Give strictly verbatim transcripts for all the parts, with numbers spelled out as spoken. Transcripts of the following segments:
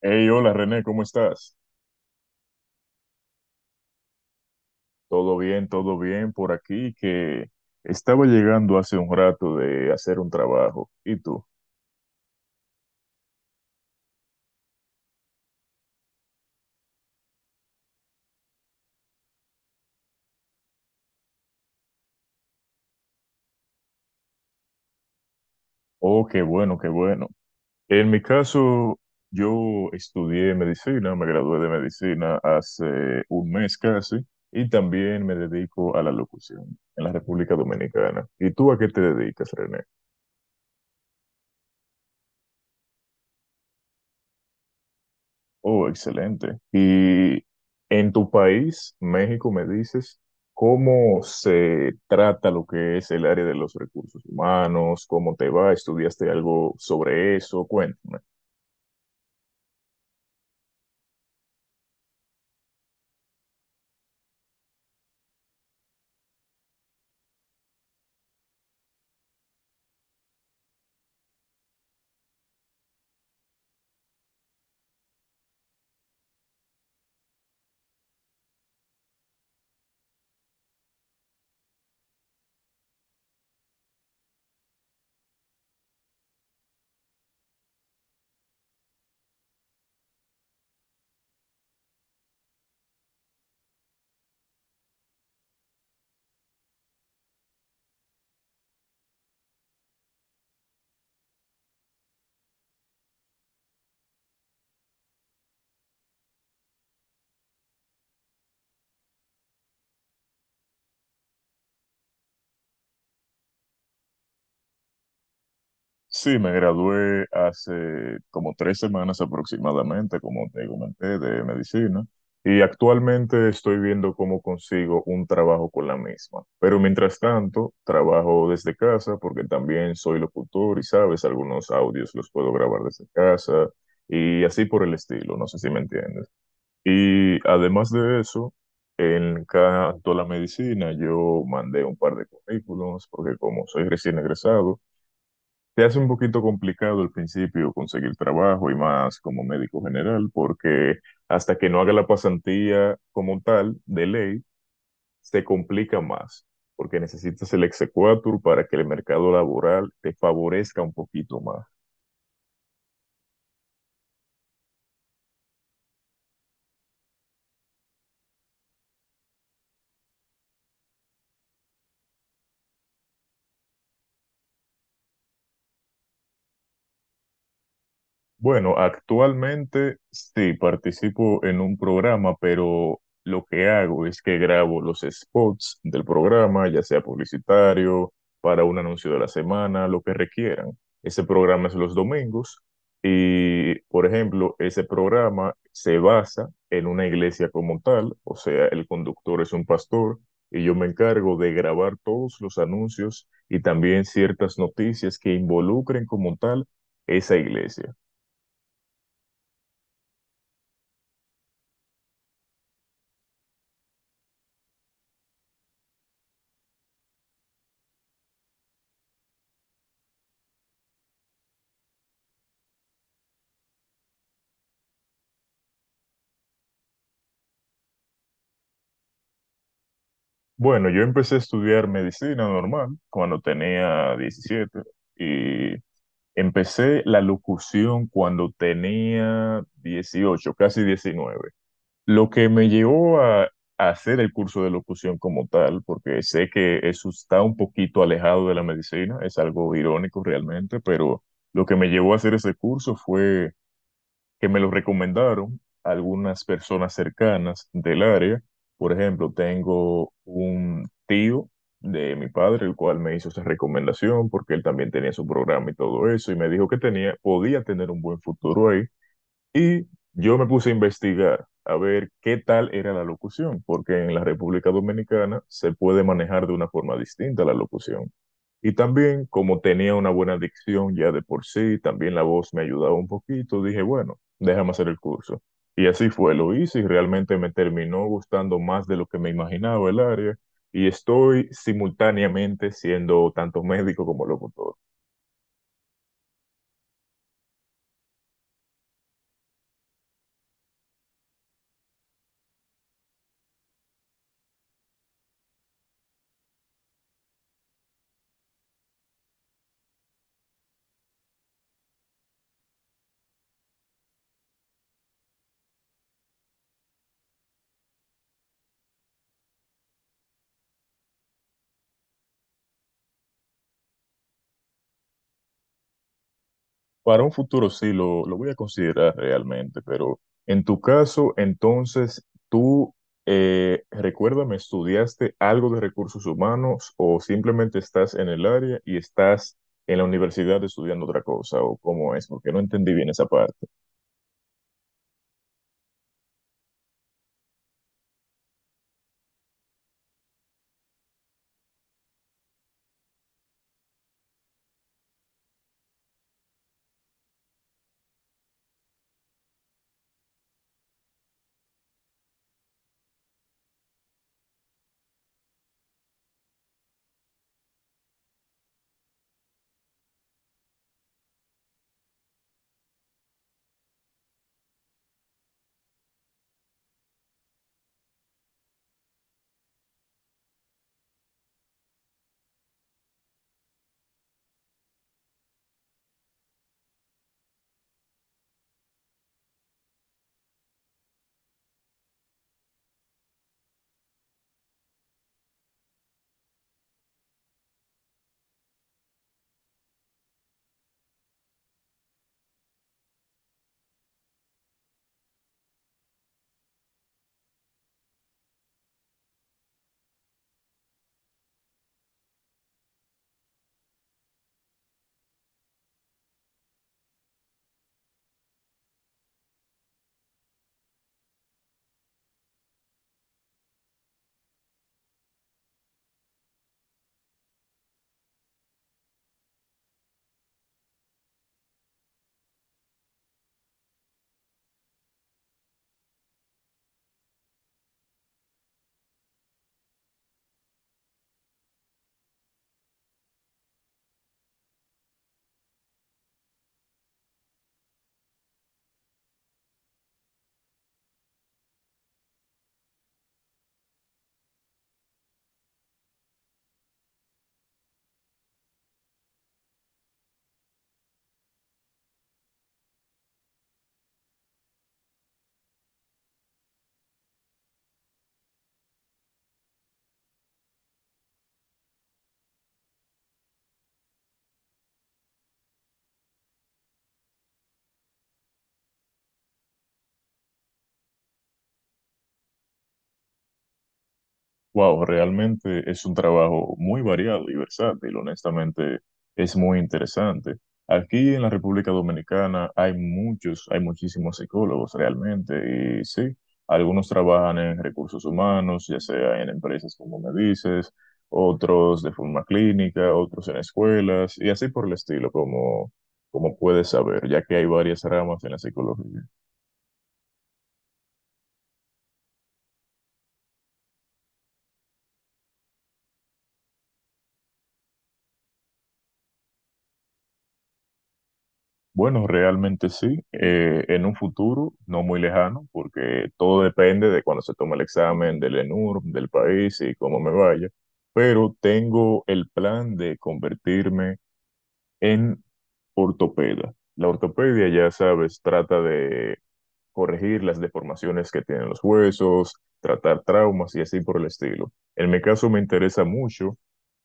Hey, hola René, ¿cómo estás? Todo bien, todo bien por aquí, que estaba llegando hace un rato de hacer un trabajo. ¿Y tú? Oh, qué bueno, qué bueno. En mi caso, yo estudié medicina, me gradué de medicina hace un mes casi, y también me dedico a la locución en la República Dominicana. ¿Y tú a qué te dedicas, René? Oh, excelente. Y en tu país, México, me dices, ¿cómo se trata lo que es el área de los recursos humanos? ¿Cómo te va? ¿Estudiaste algo sobre eso? Cuéntame. Sí, me gradué hace como tres semanas aproximadamente, como te comenté, de medicina. Y actualmente estoy viendo cómo consigo un trabajo con la misma. Pero mientras tanto, trabajo desde casa porque también soy locutor y, sabes, algunos audios los puedo grabar desde casa y así por el estilo, no sé si me entiendes. Y además de eso, en cuanto a la medicina, yo mandé un par de currículums porque como soy recién egresado, te hace un poquito complicado al principio conseguir trabajo y más como médico general, porque hasta que no haga la pasantía como tal, de ley, se complica más, porque necesitas el exequatur para que el mercado laboral te favorezca un poquito más. Bueno, actualmente sí participo en un programa, pero lo que hago es que grabo los spots del programa, ya sea publicitario, para un anuncio de la semana, lo que requieran. Ese programa es los domingos y, por ejemplo, ese programa se basa en una iglesia como tal, o sea, el conductor es un pastor y yo me encargo de grabar todos los anuncios y también ciertas noticias que involucren como tal esa iglesia. Bueno, yo empecé a estudiar medicina normal cuando tenía diecisiete y empecé la locución cuando tenía dieciocho, casi diecinueve. Lo que me llevó a, a hacer el curso de locución como tal, porque sé que eso está un poquito alejado de la medicina, es algo irónico realmente, pero lo que me llevó a hacer ese curso fue que me lo recomendaron algunas personas cercanas del área. Por ejemplo, tengo un tío de mi padre, el cual me hizo esa recomendación porque él también tenía su programa y todo eso, y me dijo que tenía, podía tener un buen futuro ahí. Y yo me puse a investigar a ver qué tal era la locución, porque en la República Dominicana se puede manejar de una forma distinta la locución. Y también, como tenía una buena dicción ya de por sí, también la voz me ayudaba un poquito, dije, bueno, déjame hacer el curso. Y así fue, lo hice y realmente me terminó gustando más de lo que me imaginaba el área. Y estoy simultáneamente siendo tanto médico como locutor. Para un futuro sí, lo, lo voy a considerar realmente, pero en tu caso, entonces, tú, eh, recuérdame, ¿estudiaste algo de recursos humanos o simplemente estás en el área y estás en la universidad estudiando otra cosa o cómo es? Porque no entendí bien esa parte. Wow, realmente es un trabajo muy variado y versátil, honestamente es muy interesante. Aquí en la República Dominicana hay muchos, hay muchísimos psicólogos realmente y sí, algunos trabajan en recursos humanos, ya sea en empresas como me dices, otros de forma clínica, otros en escuelas y así por el estilo, como, como puedes saber, ya que hay varias ramas en la psicología. Bueno, realmente sí. Eh, en un futuro no muy lejano, porque todo depende de cuando se tome el examen del ENURB, del país y cómo me vaya. Pero tengo el plan de convertirme en ortopeda. La ortopedia, ya sabes, trata de corregir las deformaciones que tienen los huesos, tratar traumas y así por el estilo. En mi caso me interesa mucho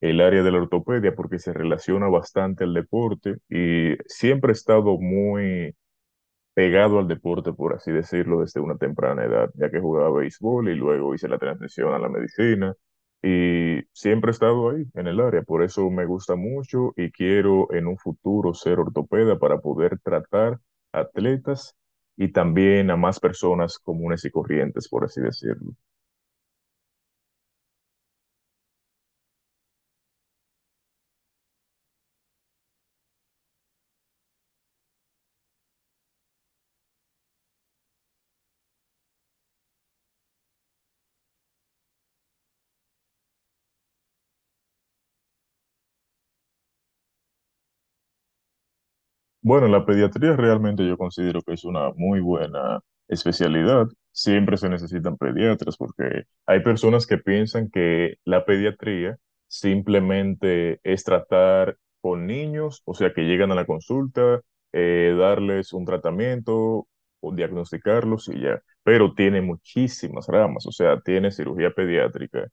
el área de la ortopedia porque se relaciona bastante al deporte y siempre he estado muy pegado al deporte, por así decirlo, desde una temprana edad, ya que jugaba béisbol y luego hice la transición a la medicina y siempre he estado ahí, en el área, por eso me gusta mucho y quiero en un futuro ser ortopeda para poder tratar atletas y también a más personas comunes y corrientes, por así decirlo. Bueno, la pediatría realmente yo considero que es una muy buena especialidad. Siempre se necesitan pediatras porque hay personas que piensan que la pediatría simplemente es tratar con niños, o sea, que llegan a la consulta, eh, darles un tratamiento o diagnosticarlos y ya. Pero tiene muchísimas ramas, o sea, tiene cirugía pediátrica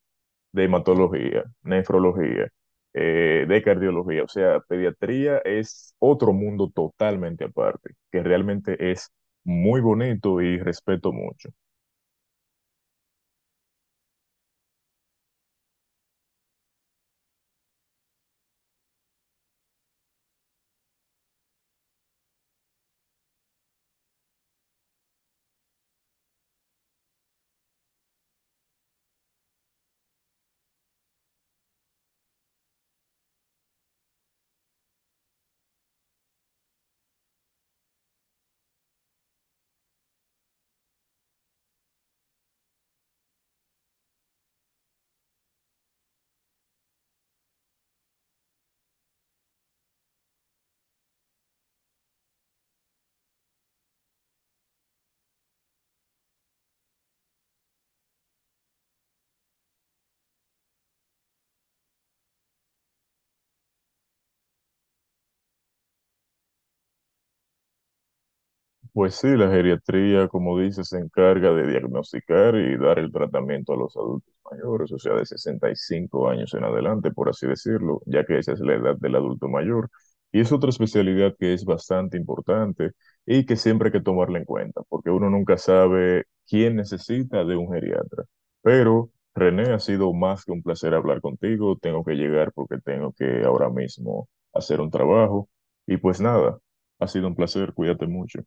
de hematología, nefrología, eh, de cardiología. O sea, pediatría es otro mundo totalmente aparte, que realmente es muy bonito y respeto mucho. Pues sí, la geriatría, como dices, se encarga de diagnosticar y dar el tratamiento a los adultos mayores, o sea, de sesenta y cinco años en adelante, por así decirlo, ya que esa es la edad del adulto mayor. Y es otra especialidad que es bastante importante y que siempre hay que tomarla en cuenta, porque uno nunca sabe quién necesita de un geriatra. Pero, René, ha sido más que un placer hablar contigo. Tengo que llegar porque tengo que ahora mismo hacer un trabajo. Y pues nada, ha sido un placer, cuídate mucho.